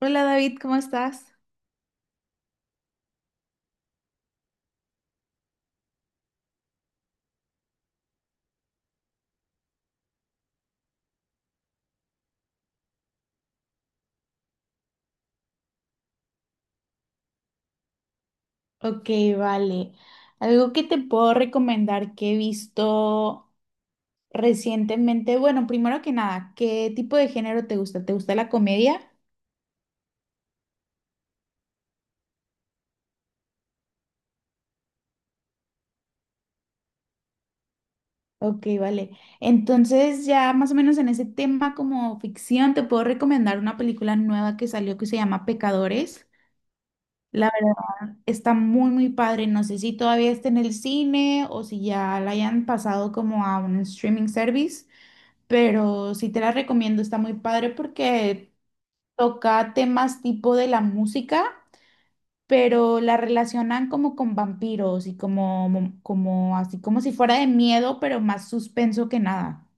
Hola David, ¿cómo estás? Ok, vale. Algo que te puedo recomendar que he visto recientemente, bueno, primero que nada, ¿qué tipo de género te gusta? ¿Te gusta la comedia? Ok, vale. Entonces ya más o menos en ese tema como ficción te puedo recomendar una película nueva que salió que se llama Pecadores. La verdad está muy muy padre. No sé si todavía está en el cine o si ya la hayan pasado como a un streaming service. Pero sí te la recomiendo, está muy padre porque toca temas tipo de la música, pero la relacionan como con vampiros y como, como así como si fuera de miedo, pero más suspenso que nada.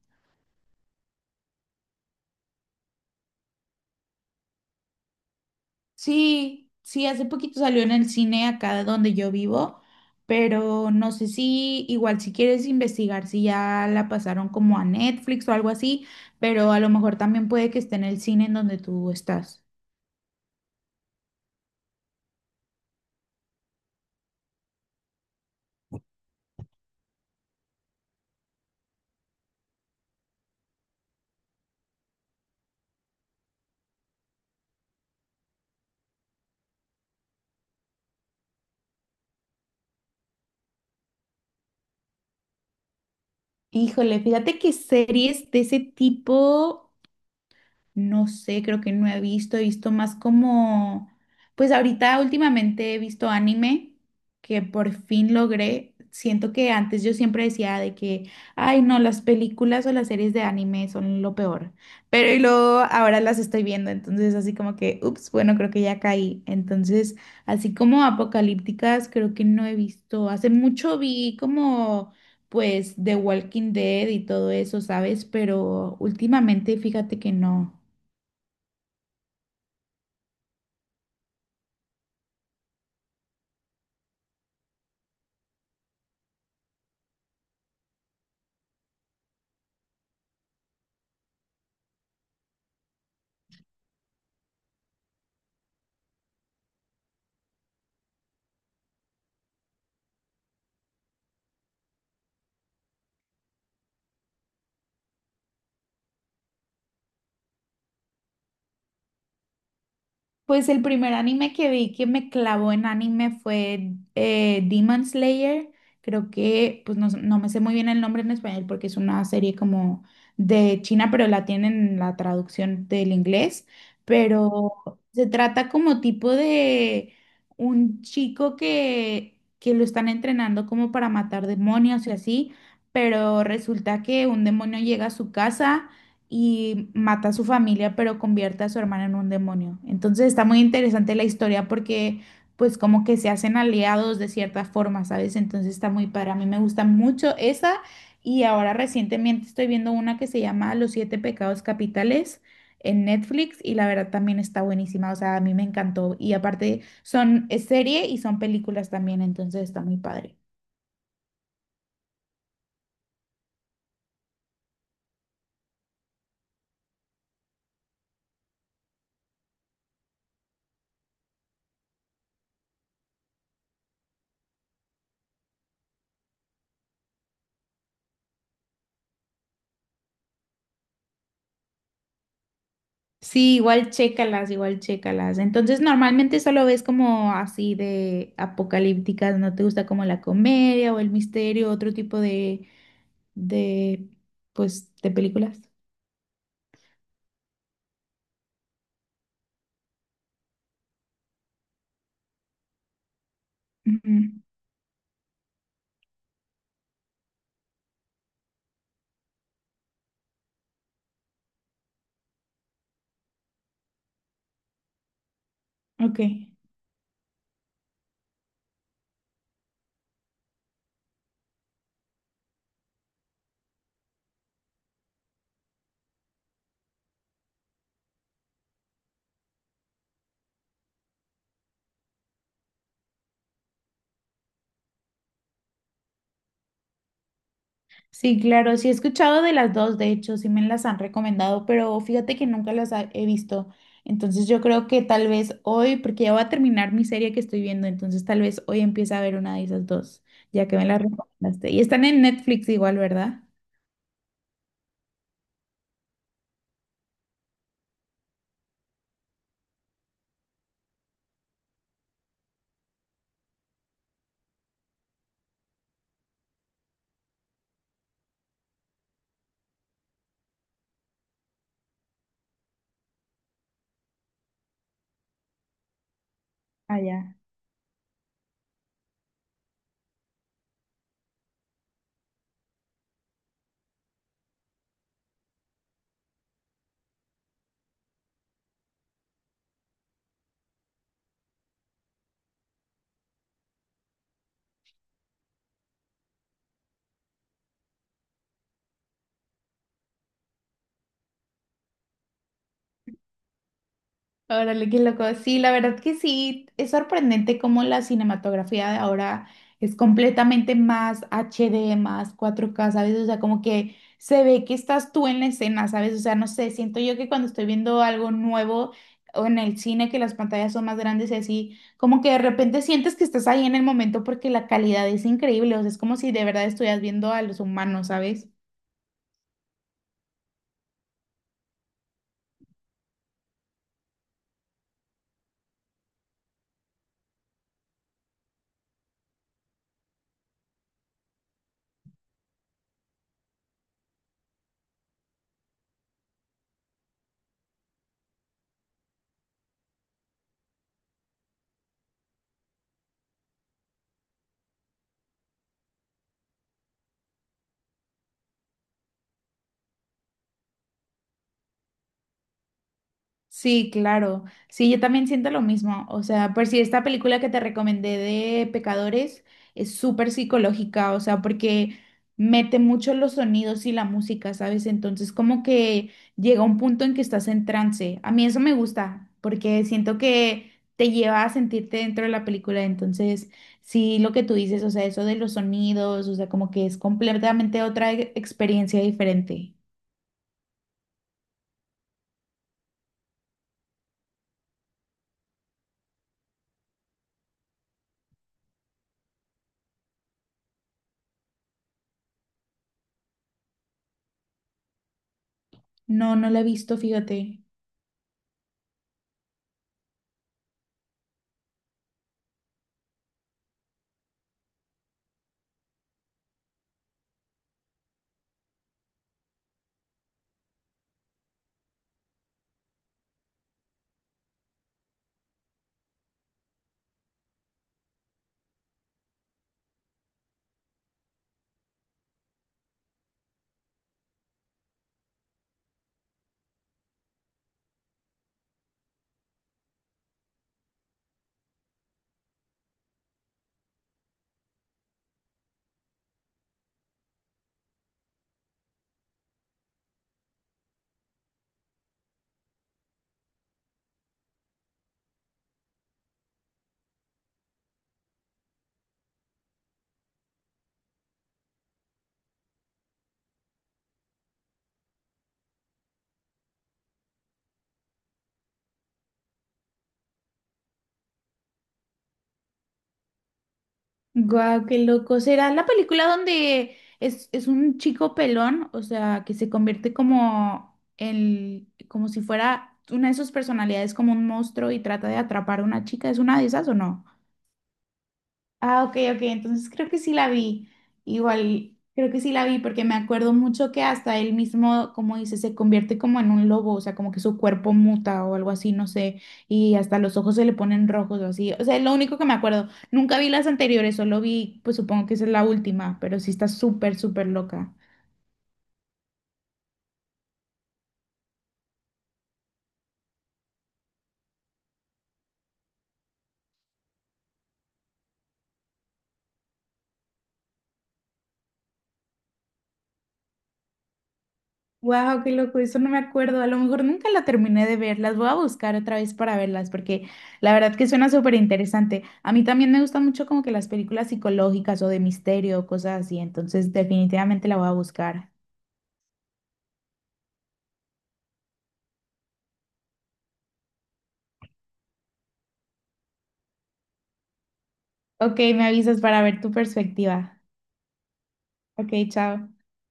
Sí, sí, hace poquito salió en el cine acá de donde yo vivo, pero no sé si igual si quieres investigar si ya la pasaron como a Netflix o algo así, pero a lo mejor también puede que esté en el cine en donde tú estás. Híjole, fíjate que series de ese tipo. No sé, creo que no he visto, he visto más como, pues ahorita últimamente he visto anime que por fin logré. Siento que antes yo siempre decía de que, ay, no, las películas o las series de anime son lo peor, pero y luego ahora las estoy viendo, entonces así como que, ups, bueno, creo que ya caí. Entonces, así como apocalípticas, creo que no he visto. Hace mucho vi como pues The Walking Dead y todo eso, ¿sabes? Pero últimamente fíjate que no. Pues el primer anime que vi que me clavó en anime fue Demon Slayer. Creo que, pues no, no me sé muy bien el nombre en español porque es una serie como de China, pero la tienen la traducción del inglés. Pero se trata como tipo de un chico que lo están entrenando como para matar demonios y así, pero resulta que un demonio llega a su casa y mata a su familia, pero convierte a su hermana en un demonio. Entonces está muy interesante la historia porque pues como que se hacen aliados de cierta forma, ¿sabes? Entonces está muy padre. A mí me gusta mucho esa y ahora recientemente estoy viendo una que se llama Los siete pecados capitales en Netflix y la verdad también está buenísima, o sea, a mí me encantó y aparte son es serie y son películas también, entonces está muy padre. Sí, igual chécalas, igual chécalas. Entonces, normalmente solo ves como así de apocalípticas, ¿no te gusta como la comedia o el misterio, otro tipo de, pues, de películas? Ujú, ok. Sí, claro, sí he escuchado de las dos, de hecho, sí me las han recomendado, pero fíjate que nunca las he visto. Entonces, yo creo que tal vez hoy, porque ya voy a terminar mi serie que estoy viendo, entonces tal vez hoy empiece a ver una de esas dos, ya que me las recomendaste. Y están en Netflix igual, ¿verdad? Ah, ya. Órale, qué loco. Sí, la verdad que sí, es sorprendente cómo la cinematografía de ahora es completamente más HD más 4K, ¿sabes? O sea, como que se ve que estás tú en la escena, ¿sabes? O sea, no sé, siento yo que cuando estoy viendo algo nuevo o en el cine, que las pantallas son más grandes y así, como que de repente sientes que estás ahí en el momento porque la calidad es increíble, o sea, es como si de verdad estuvieras viendo a los humanos, ¿sabes? Sí, claro. Sí, yo también siento lo mismo. O sea, por si esta película que te recomendé de Pecadores es súper psicológica, o sea, porque mete mucho los sonidos y la música, ¿sabes? Entonces, como que llega un punto en que estás en trance. A mí eso me gusta, porque siento que te lleva a sentirte dentro de la película. Entonces, sí, lo que tú dices, o sea, eso de los sonidos, o sea, como que es completamente otra experiencia diferente. No, no la he visto, fíjate. Guau, qué loco. ¿Será la película donde es un chico pelón? O sea, que se convierte como el, como si fuera una de sus personalidades como un monstruo y trata de atrapar a una chica. ¿Es una de esas o no? Ah, ok, ok, entonces creo que sí la vi. Igual, creo que sí la vi porque me acuerdo mucho que hasta él mismo, como dice, se convierte como en un lobo, o sea, como que su cuerpo muta o algo así, no sé, y hasta los ojos se le ponen rojos o así. O sea, es lo único que me acuerdo. Nunca vi las anteriores, solo vi, pues supongo que esa es la última, pero sí está súper, súper loca. Wow, qué loco, eso no me acuerdo. A lo mejor nunca la terminé de ver. Las voy a buscar otra vez para verlas, porque la verdad que suena súper interesante. A mí también me gustan mucho como que las películas psicológicas o de misterio, cosas así. Entonces, definitivamente la voy a buscar. Ok, me avisas para ver tu perspectiva. Ok, chao.